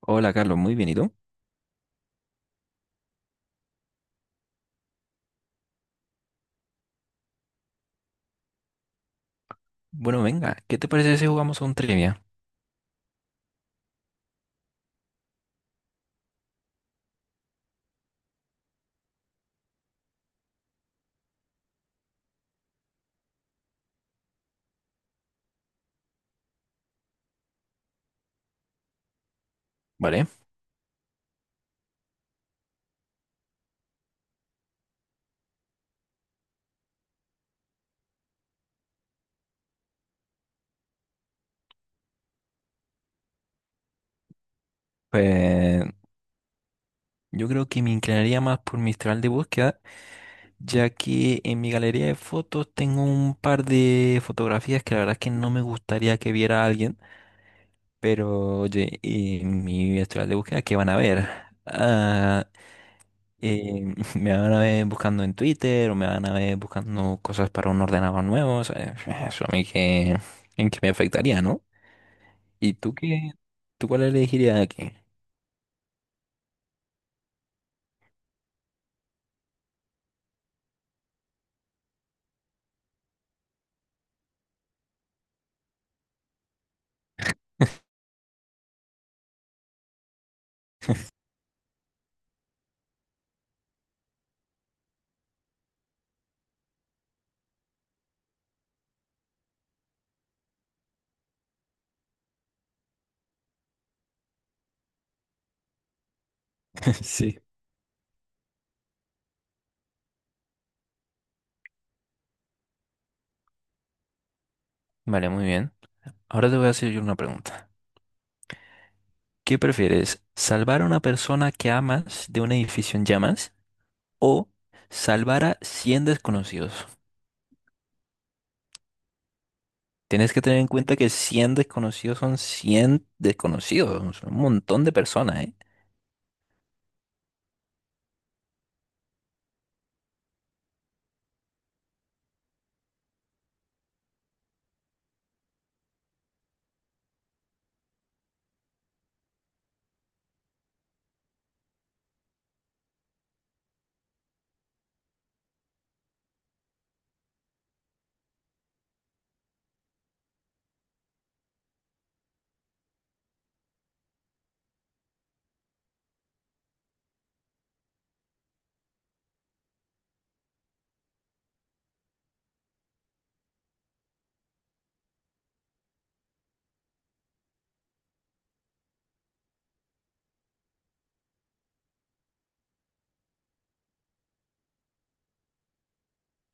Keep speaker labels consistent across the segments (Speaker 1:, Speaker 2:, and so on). Speaker 1: Hola Carlos, muy bien, ¿y tú? Bueno, venga, ¿qué te parece si jugamos a un trivia? Vale, pues yo creo que me inclinaría más por mi historial de búsqueda, ya que en mi galería de fotos tengo un par de fotografías que la verdad es que no me gustaría que viera alguien, pero oye, en mi historial de búsqueda, ¿qué van a ver? Ah, me van a ver buscando en Twitter o me van a ver buscando cosas para un ordenador nuevo, o sea, eso a mí que me afectaría, ¿no? ¿Y tú qué? ¿Tú cuál elegirías aquí? Sí. Vale, muy bien. Ahora te voy a hacer yo una pregunta. ¿Qué prefieres? ¿Salvar a una persona que amas de un edificio en llamas o salvar a 100 desconocidos? Tienes que tener en cuenta que 100 desconocidos son 100 desconocidos, son un montón de personas, ¿eh?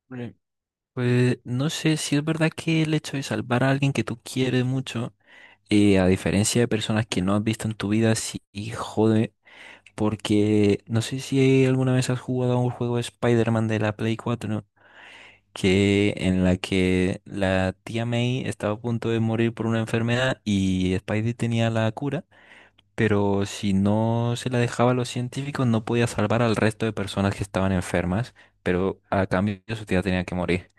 Speaker 1: Vale. Pues no sé si es verdad que el hecho de salvar a alguien que tú quieres mucho, a diferencia de personas que no has visto en tu vida, sí jode. Porque no sé si alguna vez has jugado a un juego de Spider-Man de la Play 4, que en la que la tía May estaba a punto de morir por una enfermedad y Spidey tenía la cura, pero si no se la dejaba a los científicos no podía salvar al resto de personas que estaban enfermas, pero a cambio su tía tenía que morir.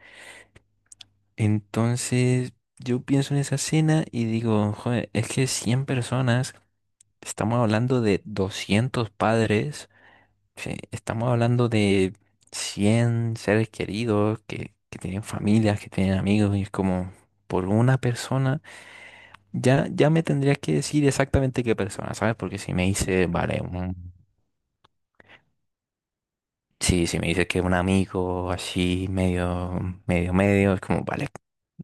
Speaker 1: Entonces yo pienso en esa escena y digo, joder, es que 100 personas, estamos hablando de 200 padres. Sí, estamos hablando de 100 seres queridos que, tienen familias, que tienen amigos, y es como por una persona. Ya, ya me tendrías que decir exactamente qué persona, ¿sabes? Porque si me dice, vale, sí, si me dices que es un amigo así, medio, medio, medio, es como, vale,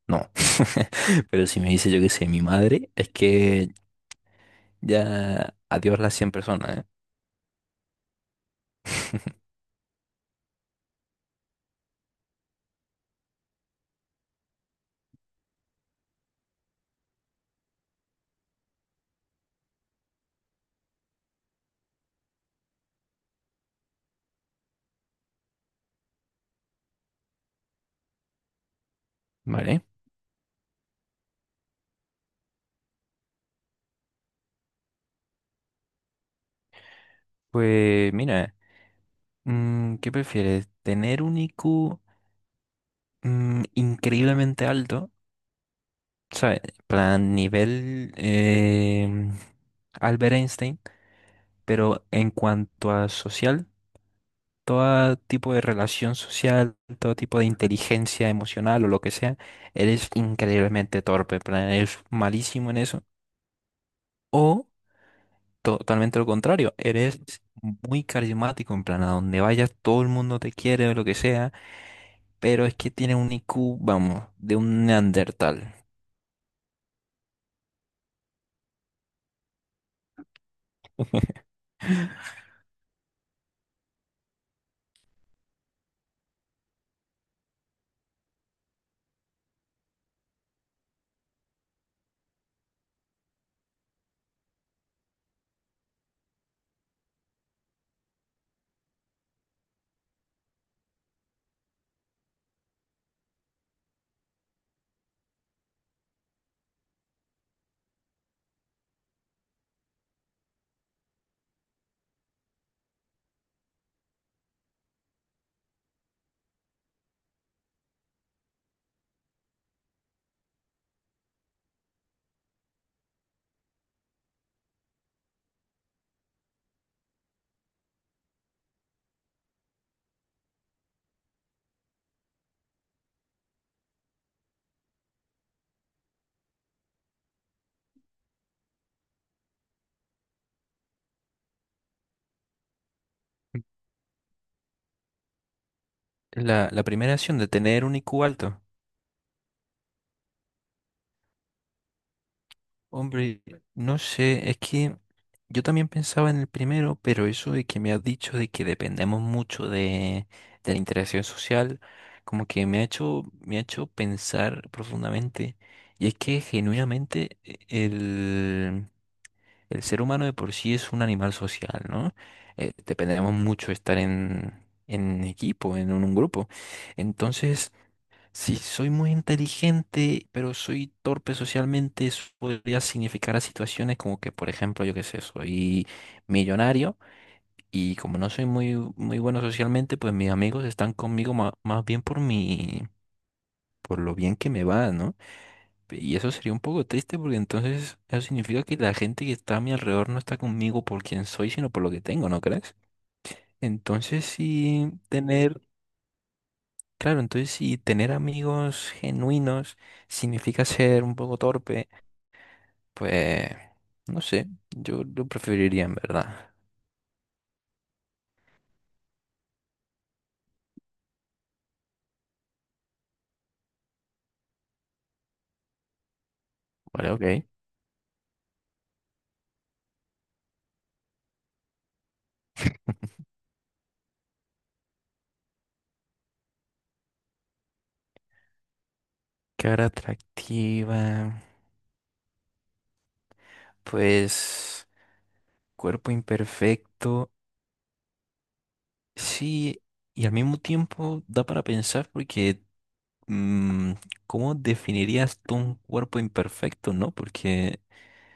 Speaker 1: no. Pero si me dice, yo qué sé, mi madre, es que ya adiós las 100 personas, ¿eh? Vale. Pues mira, ¿qué prefieres? ¿Tener un IQ? Increíblemente alto, ¿sabes? Plan nivel Albert Einstein, pero en cuanto a social, todo tipo de relación social, todo tipo de inteligencia emocional o lo que sea, eres increíblemente torpe, plan, eres malísimo en eso. O totalmente lo contrario, eres muy carismático, en plan, a donde vayas todo el mundo te quiere o lo que sea, pero es que tiene un IQ, vamos, de un neandertal. La primera acción de tener un IQ alto. Hombre, no sé, es que yo también pensaba en el primero, pero eso de que me has dicho de que dependemos mucho de la interacción social, como que me ha hecho pensar profundamente. Y es que genuinamente el, el ser humano de por sí es un animal social, ¿no? Dependemos mucho de estar en equipo, en un grupo. Entonces… Si soy muy inteligente, pero soy torpe socialmente, eso podría significar a situaciones como que, por ejemplo, yo qué sé, soy millonario y como no soy muy bueno socialmente, pues mis amigos están conmigo más, bien por mi, por lo bien que me va, ¿no? Y eso sería un poco triste porque entonces eso significa que la gente que está a mi alrededor no está conmigo por quien soy, sino por lo que tengo, ¿no crees? Entonces sí, tener. Claro, entonces si tener amigos genuinos significa ser un poco torpe, pues no sé, yo lo preferiría en verdad. Vale, ok. Cara atractiva, pues cuerpo imperfecto, sí, y al mismo tiempo da para pensar porque mm, ¿cómo definirías tú un cuerpo imperfecto, no? Porque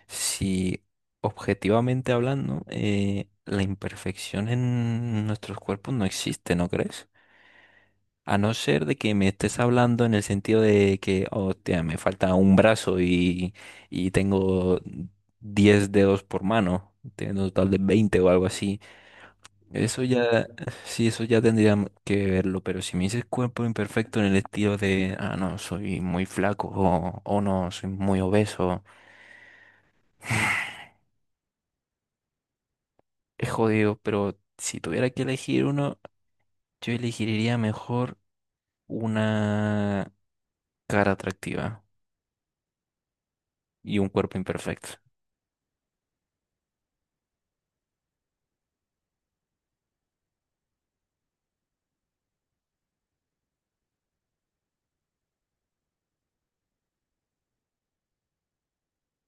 Speaker 1: si objetivamente hablando, la imperfección en nuestros cuerpos no existe, ¿no crees? A no ser de que me estés hablando en el sentido de que, oh, tía, me falta un brazo y tengo 10 dedos por mano, tengo un total de 20 o algo así. Eso ya, sí, eso ya tendría que verlo, pero si me dices cuerpo imperfecto en el estilo de, ah, no, soy muy flaco o no, soy muy obeso. Es jodido, pero si tuviera que elegir uno, yo elegiría mejor una cara atractiva y un cuerpo imperfecto.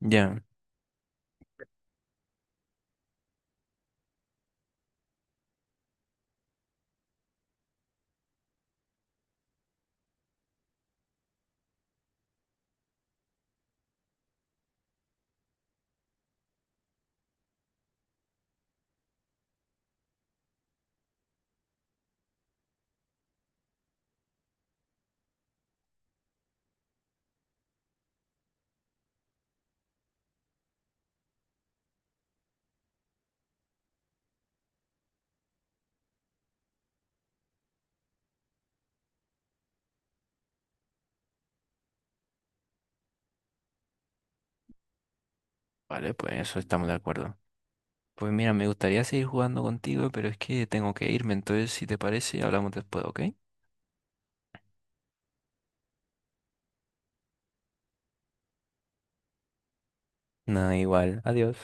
Speaker 1: Ya, vale, pues eso estamos de acuerdo. Pues mira, me gustaría seguir jugando contigo, pero es que tengo que irme, entonces si te parece, hablamos después, ¿ok? Nada igual. Adiós.